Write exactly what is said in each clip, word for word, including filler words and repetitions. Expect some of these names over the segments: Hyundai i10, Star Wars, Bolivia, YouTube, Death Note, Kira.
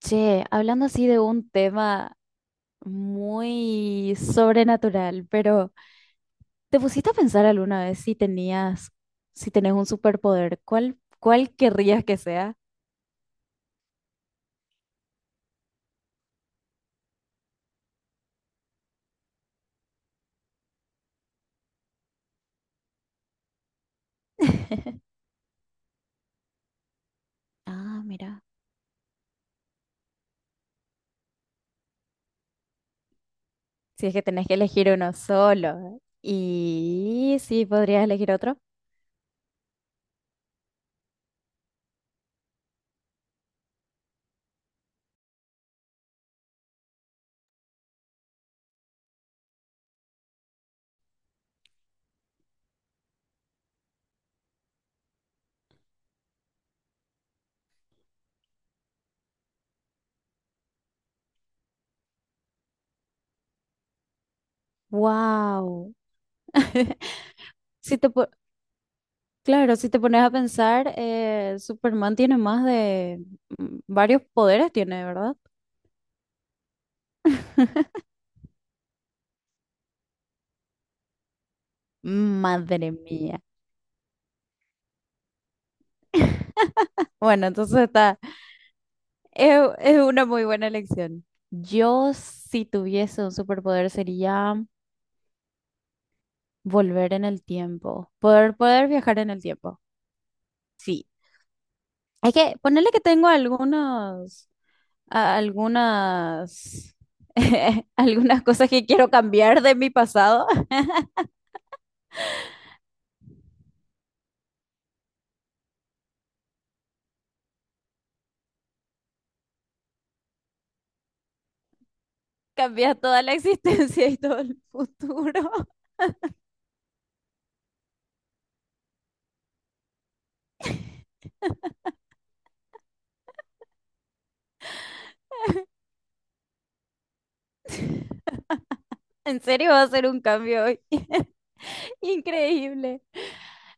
Che, hablando así de un tema muy sobrenatural, pero ¿te pusiste a pensar alguna vez si tenías, si tenés un superpoder? ¿Cuál, cuál querrías que sea? Ah, mira. Si es que tenés que elegir uno solo. Y sí, podrías elegir otro. Wow. Si te, po- claro, si te pones a pensar, eh, Superman tiene más de mm, varios poderes, tiene, ¿verdad? Madre mía. Bueno, entonces está, es, es una muy buena elección. Yo, si tuviese un superpoder, sería volver en el tiempo, poder, poder viajar en el tiempo. Sí. Es que ponerle que tengo algunos, a- algunas, algunas cosas que quiero cambiar de mi pasado, cambiar toda la existencia y todo el futuro. En serio va a ser un cambio hoy. Increíble.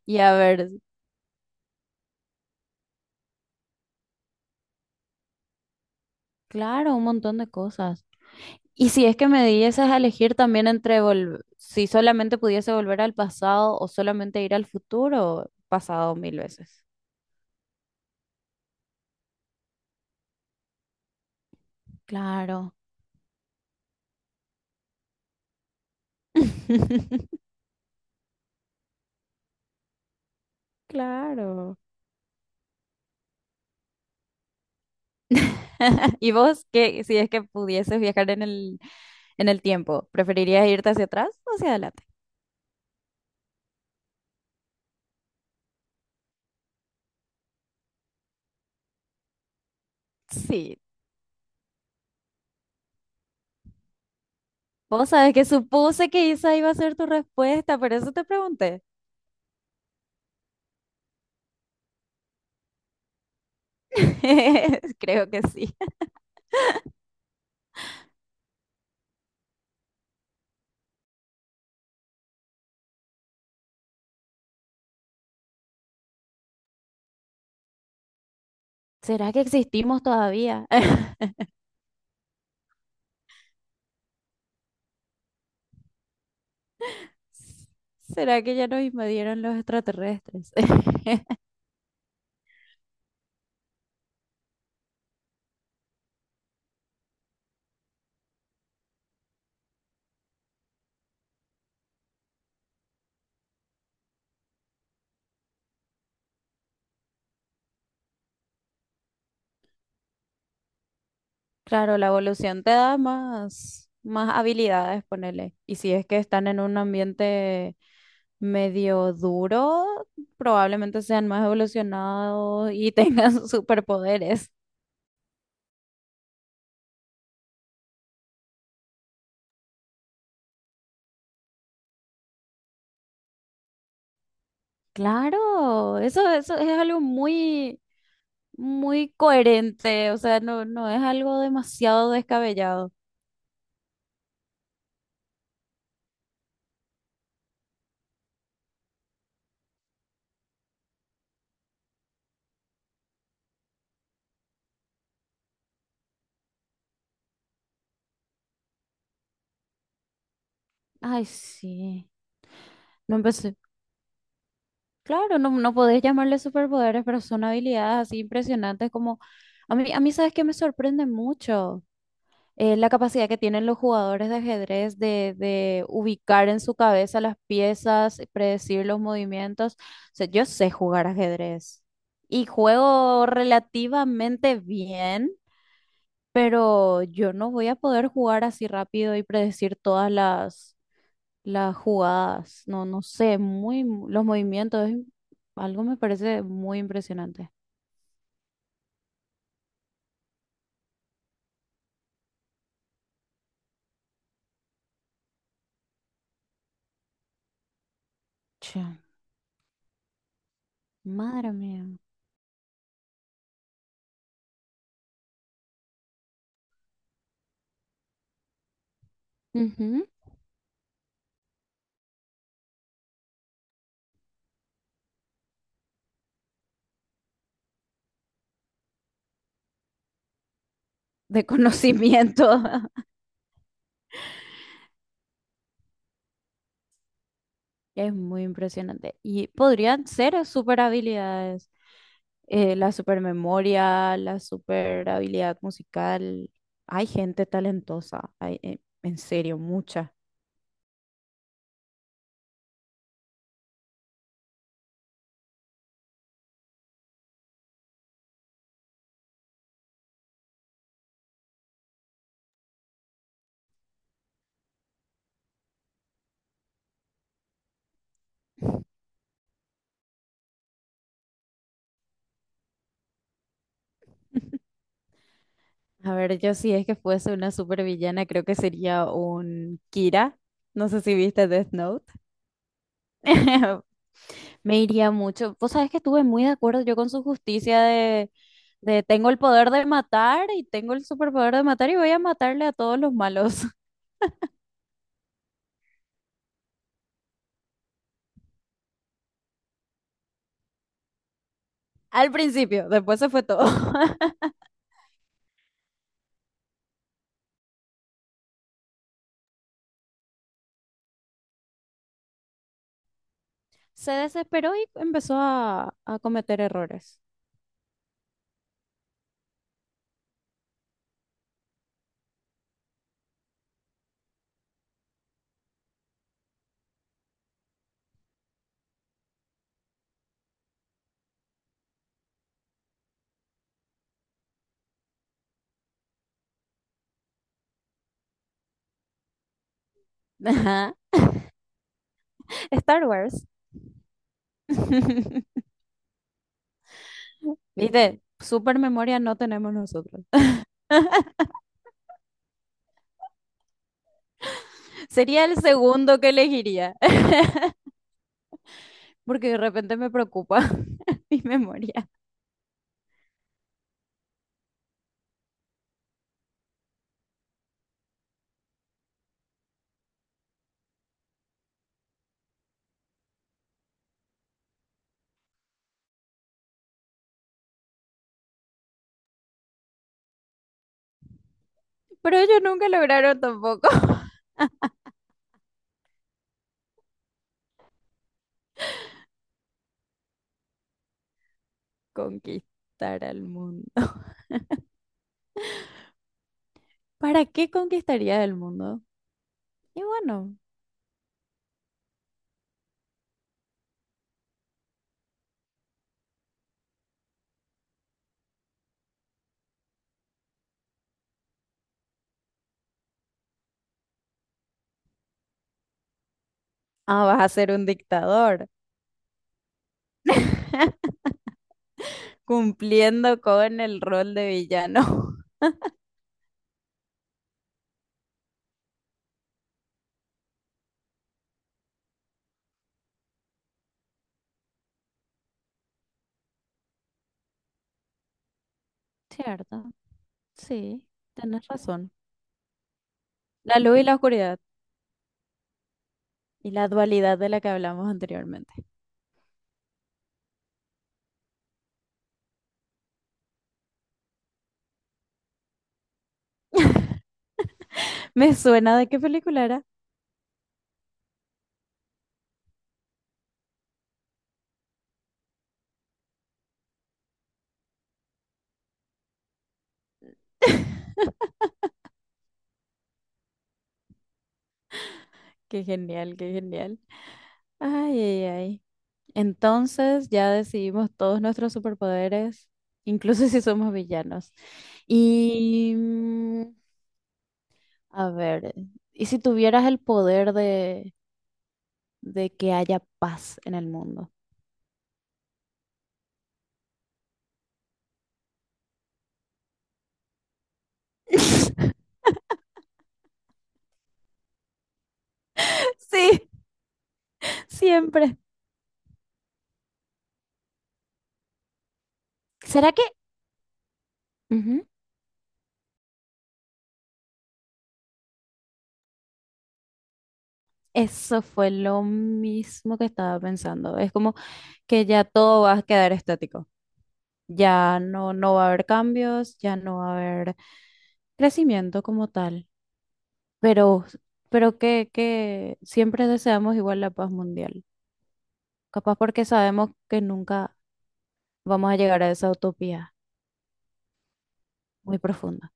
Y a ver, claro, un montón de cosas. Y si es que me dieses a elegir también entre vol- si solamente pudiese volver al pasado o solamente ir al futuro, pasado mil veces. Claro. Claro. ¿Y vos qué, si es que pudieses viajar en el, en el tiempo, preferirías irte hacia atrás o hacia adelante? Sí. Vos sabés que supuse que esa iba a ser tu respuesta, por eso te pregunté. Creo que sí. ¿Será que existimos todavía? ¿Será que ya nos invadieron los extraterrestres? Claro, la evolución te da más, más habilidades, ponele. Y si es que están en un ambiente medio duro, probablemente sean más evolucionados y tengan superpoderes. Claro, eso, eso es algo muy, muy coherente, o sea, no, no es algo demasiado descabellado. Ay, sí. No empecé. Claro, no, no podés llamarle superpoderes, pero son habilidades así impresionantes como... A mí, a mí sabes que me sorprende mucho Eh, la capacidad que tienen los jugadores de ajedrez de, de ubicar en su cabeza las piezas, predecir los movimientos. O sea, yo sé jugar ajedrez y juego relativamente bien, pero yo no voy a poder jugar así rápido y predecir todas las las jugadas, no, no sé, muy, mu- los movimientos, es- algo me parece muy impresionante. Che, madre mía. Ujú. De conocimiento. Es muy impresionante. Y podrían ser super habilidades. Eh, la super memoria, la super habilidad musical. Hay gente talentosa. Hay, eh, en serio, mucha. A ver, yo si es que fuese una supervillana, creo que sería un Kira. No sé si viste Death Note. Me iría mucho. Vos sabés que estuve muy de acuerdo yo con su justicia de, de tengo el poder de matar y tengo el superpoder de matar y voy a matarle a todos los malos. Al principio, después se fue todo. Se desesperó y empezó a, a cometer errores. Ajá. Star Wars. ¿Viste? Super memoria no tenemos nosotros. Sería el segundo que elegiría, porque de repente me preocupa mi memoria. Pero ellos nunca lograron tampoco. Conquistar al mundo. ¿Para qué conquistarías el mundo? Y bueno, ah, vas a ser un dictador, cumpliendo con el rol de villano. Cierto, sí, tenés razón. La luz y la oscuridad y la dualidad de la que hablamos anteriormente. Me suena de qué película era. Qué genial, qué genial. Ay, ay, ay. Entonces ya decidimos todos nuestros superpoderes, incluso si somos villanos. Y mm, a ver, ¿y si tuvieras el poder de, de que haya paz en el mundo? Sí, siempre. ¿Será que? Ujú, eso fue lo mismo que estaba pensando. Es como que ya todo va a quedar estático. Ya no, no va a haber cambios, ya no va a haber crecimiento como tal. Pero, pero que, que siempre deseamos igual la paz mundial. Capaz porque sabemos que nunca vamos a llegar a esa utopía muy profunda.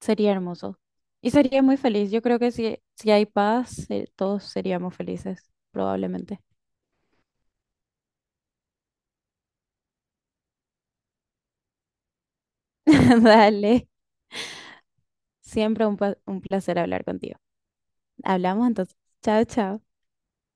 Sería hermoso. Y sería muy feliz. Yo creo que si, si hay paz, eh, todos seríamos felices, probablemente. Dale. Siempre un, pa- un placer hablar contigo. Hablamos entonces. Chao, chao.